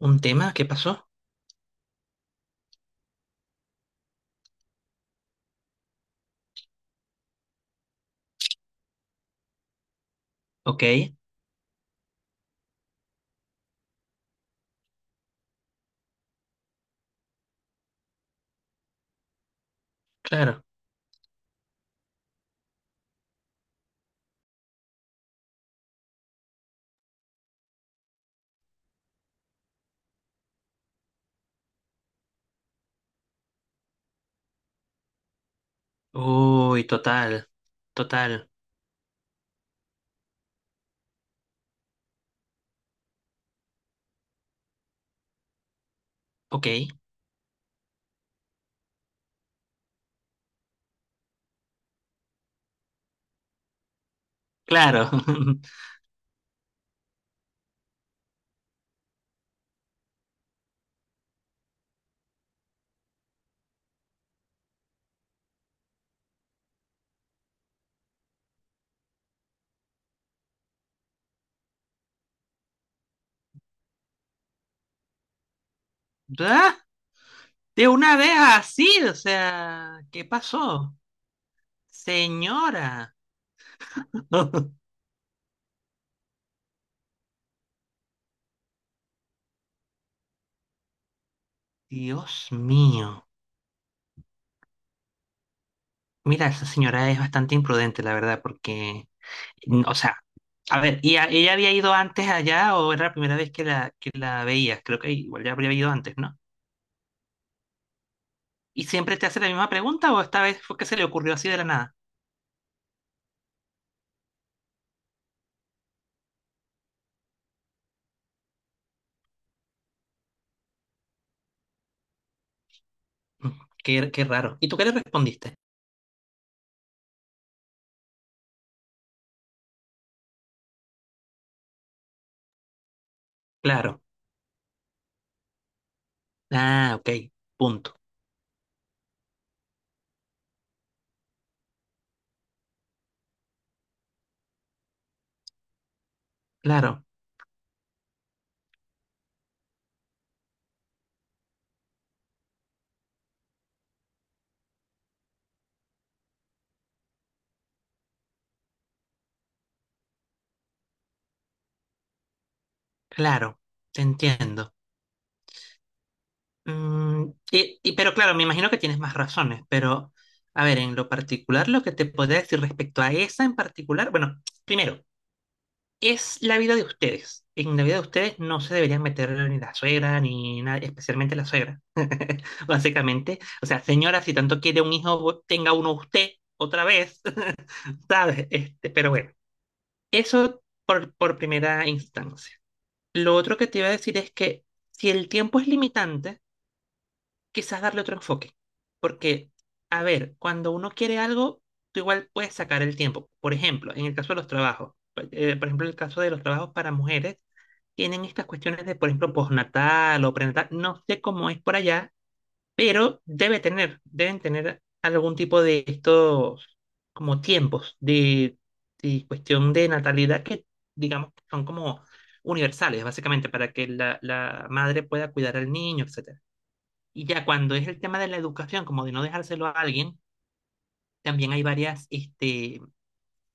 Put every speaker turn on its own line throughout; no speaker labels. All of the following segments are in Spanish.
¿Un tema? ¿Qué pasó? Ok, claro. Uy, total, total. Ok, claro. Ah, de una vez así, o sea, ¿qué pasó? Señora. Dios mío. Mira, esa señora es bastante imprudente, la verdad, porque, o sea, a ver, ¿ ella había ido antes allá o era la primera vez que que la veías? Creo que igual ya habría ido antes, ¿no? ¿Y siempre te hace la misma pregunta o esta vez fue que se le ocurrió así de la nada? Mm, qué, qué raro. ¿Y tú qué le respondiste? Claro. Ah, ok. Punto. Claro, claro. Te entiendo. Pero claro, me imagino que tienes más razones, pero a ver, en lo particular, lo que te podría decir respecto a esa en particular, bueno, primero, es la vida de ustedes. En la vida de ustedes no se deberían meter ni la suegra, ni nada especialmente la suegra. Básicamente, o sea, señora, si tanto quiere un hijo, tenga uno usted otra vez. ¿Sabes? Este, pero bueno. Eso por primera instancia. Lo otro que te iba a decir es que si el tiempo es limitante, quizás darle otro enfoque. Porque, a ver, cuando uno quiere algo, tú igual puedes sacar el tiempo. Por ejemplo, en el caso de los trabajos, por ejemplo, el caso de los trabajos para mujeres, tienen estas cuestiones de, por ejemplo, postnatal o prenatal. No sé cómo es por allá, pero debe tener, deben tener algún tipo de estos como tiempos de cuestión de natalidad que digamos que son como universales, básicamente, para que la madre pueda cuidar al niño, etcétera. Y ya cuando es el tema de la educación, como de no dejárselo a alguien, también hay varias este,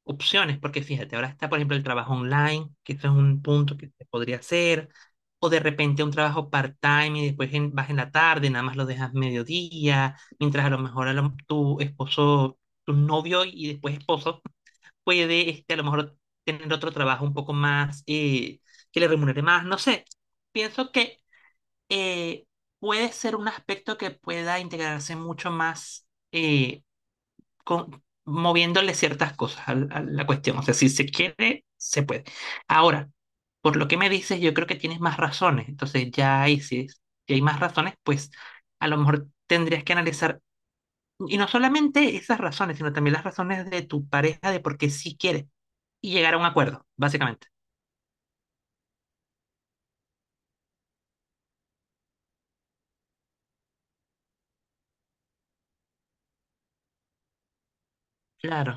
opciones, porque fíjate, ahora está, por ejemplo, el trabajo online, que esto es un punto que se podría hacer, o de repente un trabajo part-time y después vas en la tarde, nada más lo dejas mediodía, mientras a lo mejor tu esposo, tu novio y después esposo puede este, a lo mejor tener otro trabajo un poco más, que le remunere más, no sé. Pienso que eh, puede ser un aspecto que pueda integrarse mucho más. eh, moviéndole ciertas cosas a, la cuestión. O sea, si se quiere, se puede. Ahora, por lo que me dices, yo creo que tienes más razones. Entonces, ya ahí sí, si hay más razones, pues a lo mejor tendrías que analizar, y no solamente esas razones, sino también las razones de tu pareja de por qué sí quiere y llegar a un acuerdo, básicamente. Claro,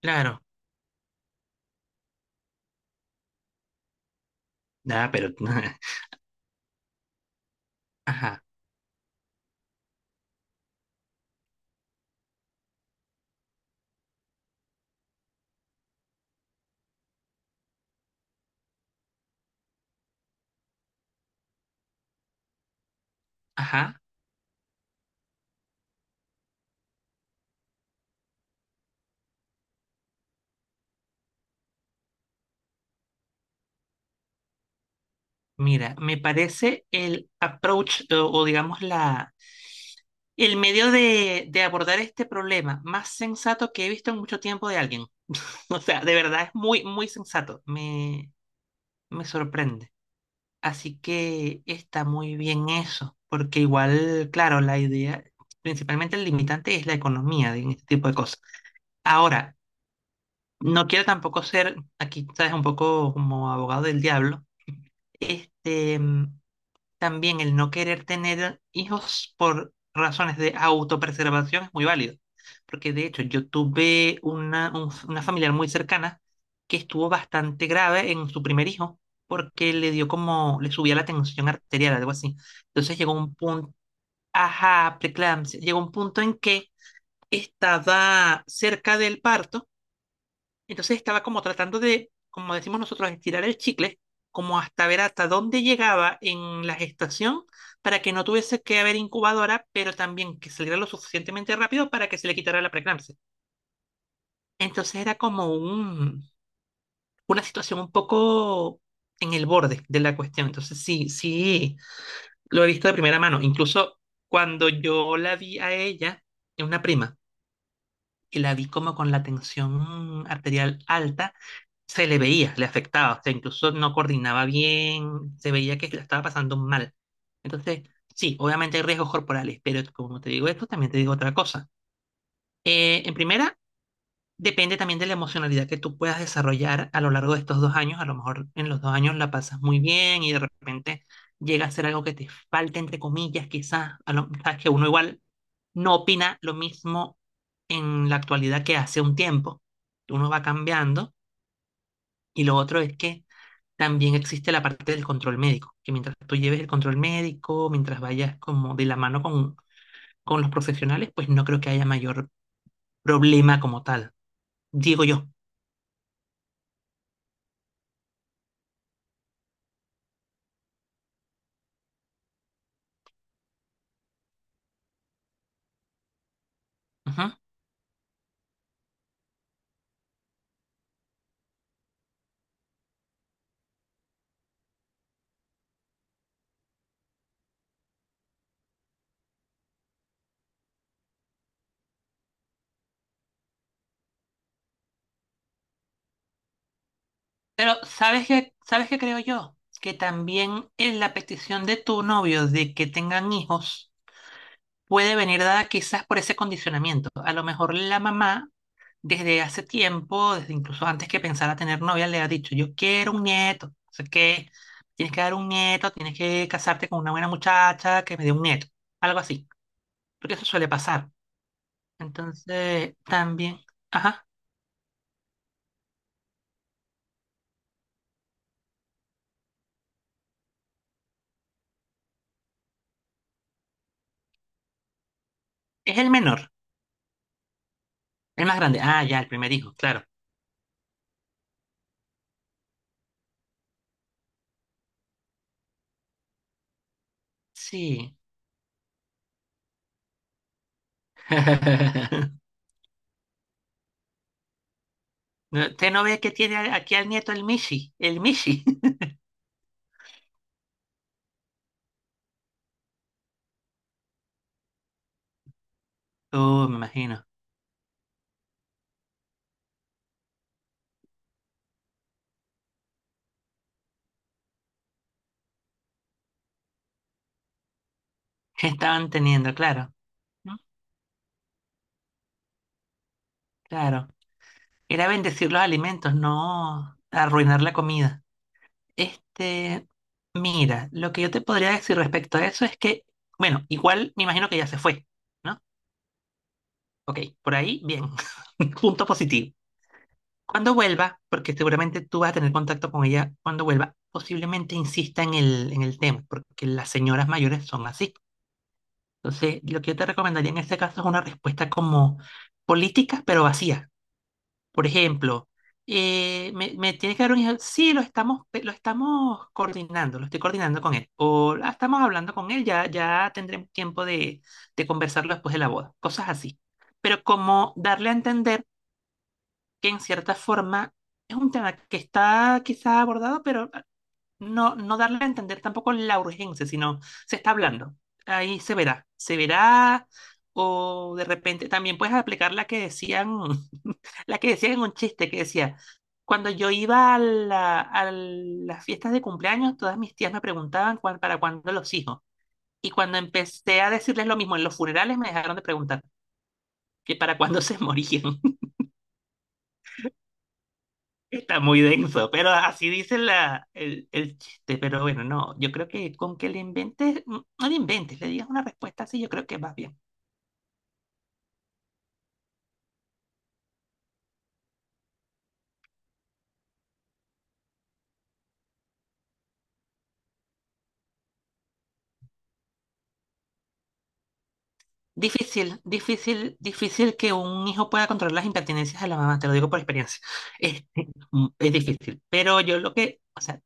claro. Ah, pero, ajá, ajá. Mira, me parece el approach o digamos la el medio de abordar este problema más sensato que he visto en mucho tiempo de alguien. O sea, de verdad es muy, muy sensato. Me sorprende. Así que está muy bien eso, porque igual, claro, la idea, principalmente el limitante es la economía de en este tipo de cosas. Ahora, no quiero tampoco ser, aquí sabes, un poco como abogado del diablo, este, mm, también el no querer tener hijos por razones de autopreservación es muy válido, porque de hecho yo tuve una, una familiar muy cercana que estuvo bastante grave en su primer hijo porque le dio como, le subía la tensión arterial, algo así. Entonces llegó un punto, ajá, preeclampsia, llegó un punto en que estaba cerca del parto entonces estaba como tratando de, como decimos nosotros, estirar el chicle, como hasta ver hasta dónde llegaba en la gestación para que no tuviese que haber incubadora, pero también que saliera lo suficientemente rápido para que se le quitara la preeclampsia. Entonces era como un, una situación un poco en el borde de la cuestión. Entonces sí, sí, lo he visto de primera mano. Incluso cuando yo la vi a ella, es una prima, y la vi como con la tensión arterial alta se le veía, le afectaba, o sea, incluso no coordinaba bien, se veía que la estaba pasando mal. Entonces, sí, obviamente hay riesgos corporales, pero como te digo esto, también te digo otra cosa. En primera, depende también de la emocionalidad que tú puedas desarrollar a lo largo de estos dos años. A lo mejor en los dos años la pasas muy bien y de repente llega a ser algo que te falta, entre comillas, quizás, a lo, sabes que uno igual no opina lo mismo en la actualidad que hace un tiempo. Uno va cambiando y lo otro es que también existe la parte del control médico, que mientras tú lleves el control médico, mientras vayas como de la mano con los profesionales, pues no creo que haya mayor problema como tal, digo yo. Ujú. Pero sabes qué creo yo? Que también en la petición de tu novio de que tengan hijos puede venir dada quizás por ese condicionamiento. A lo mejor la mamá desde hace tiempo, desde incluso antes que pensara tener novia, le ha dicho, yo quiero un nieto, o sea que tienes que dar un nieto, tienes que casarte con una buena muchacha que me dé un nieto, algo así, porque eso suele pasar. Entonces, también, ajá, es el menor, el más grande. Ah, ya, el primer hijo, claro. Sí. No, ¿usted no ve que tiene aquí al nieto el Mishi? El Mishi. Oh, me imagino. ¿Qué estaban teniendo? Claro. ¿No? Claro. Era bendecir los alimentos, no arruinar la comida. Este, mira, lo que yo te podría decir respecto a eso es que, bueno, igual me imagino que ya se fue, ¿no? Ok, por ahí, bien. Punto positivo. Cuando vuelva, porque seguramente tú vas a tener contacto con ella cuando vuelva, posiblemente insista en en el tema, porque las señoras mayores son así. Entonces, lo que yo te recomendaría en este caso es una respuesta como política, pero vacía. Por ejemplo, me, me tienes que dar un ejemplo. Sí, lo estamos, lo estamos coordinando, lo estoy coordinando con él. O "Ah, estamos hablando con él, ya, ya tendremos tiempo de conversarlo después de la boda. Cosas así. Pero como darle a entender que en cierta forma es un tema que está quizá abordado, pero no, no darle a entender tampoco la urgencia, sino se está hablando. Ahí se verá, o de repente también puedes aplicar la que decían, la que decían en un chiste que decía, cuando yo iba a a las fiestas de cumpleaños, todas mis tías me preguntaban para cuándo los hijos. Y cuando empecé a decirles lo mismo en los funerales, me dejaron de preguntar que para cuándo se morían. Está muy denso, pero así dice la, el chiste. Pero bueno, no, yo creo que con que le inventes, mm, no le inventes, le digas una respuesta así, yo creo que va bien. Difícil, difícil, difícil que un hijo pueda controlar las impertinencias de la mamá, te lo digo por experiencia. Este, mm, es difícil, pero yo lo que, o sea,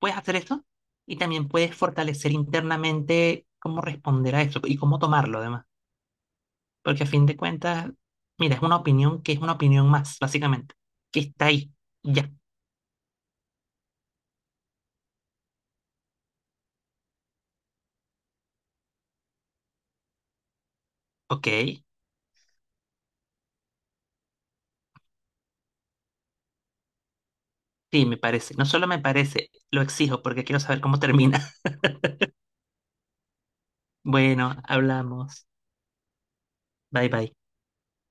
puedes hacer eso y también puedes fortalecer internamente cómo responder a eso y cómo tomarlo además, porque a fin de cuentas, mira, es una opinión que es una opinión más, básicamente, que está ahí, ya, ok. Sí, me parece. No solo me parece, lo exijo porque quiero saber cómo termina. Bueno, hablamos. Bye bye.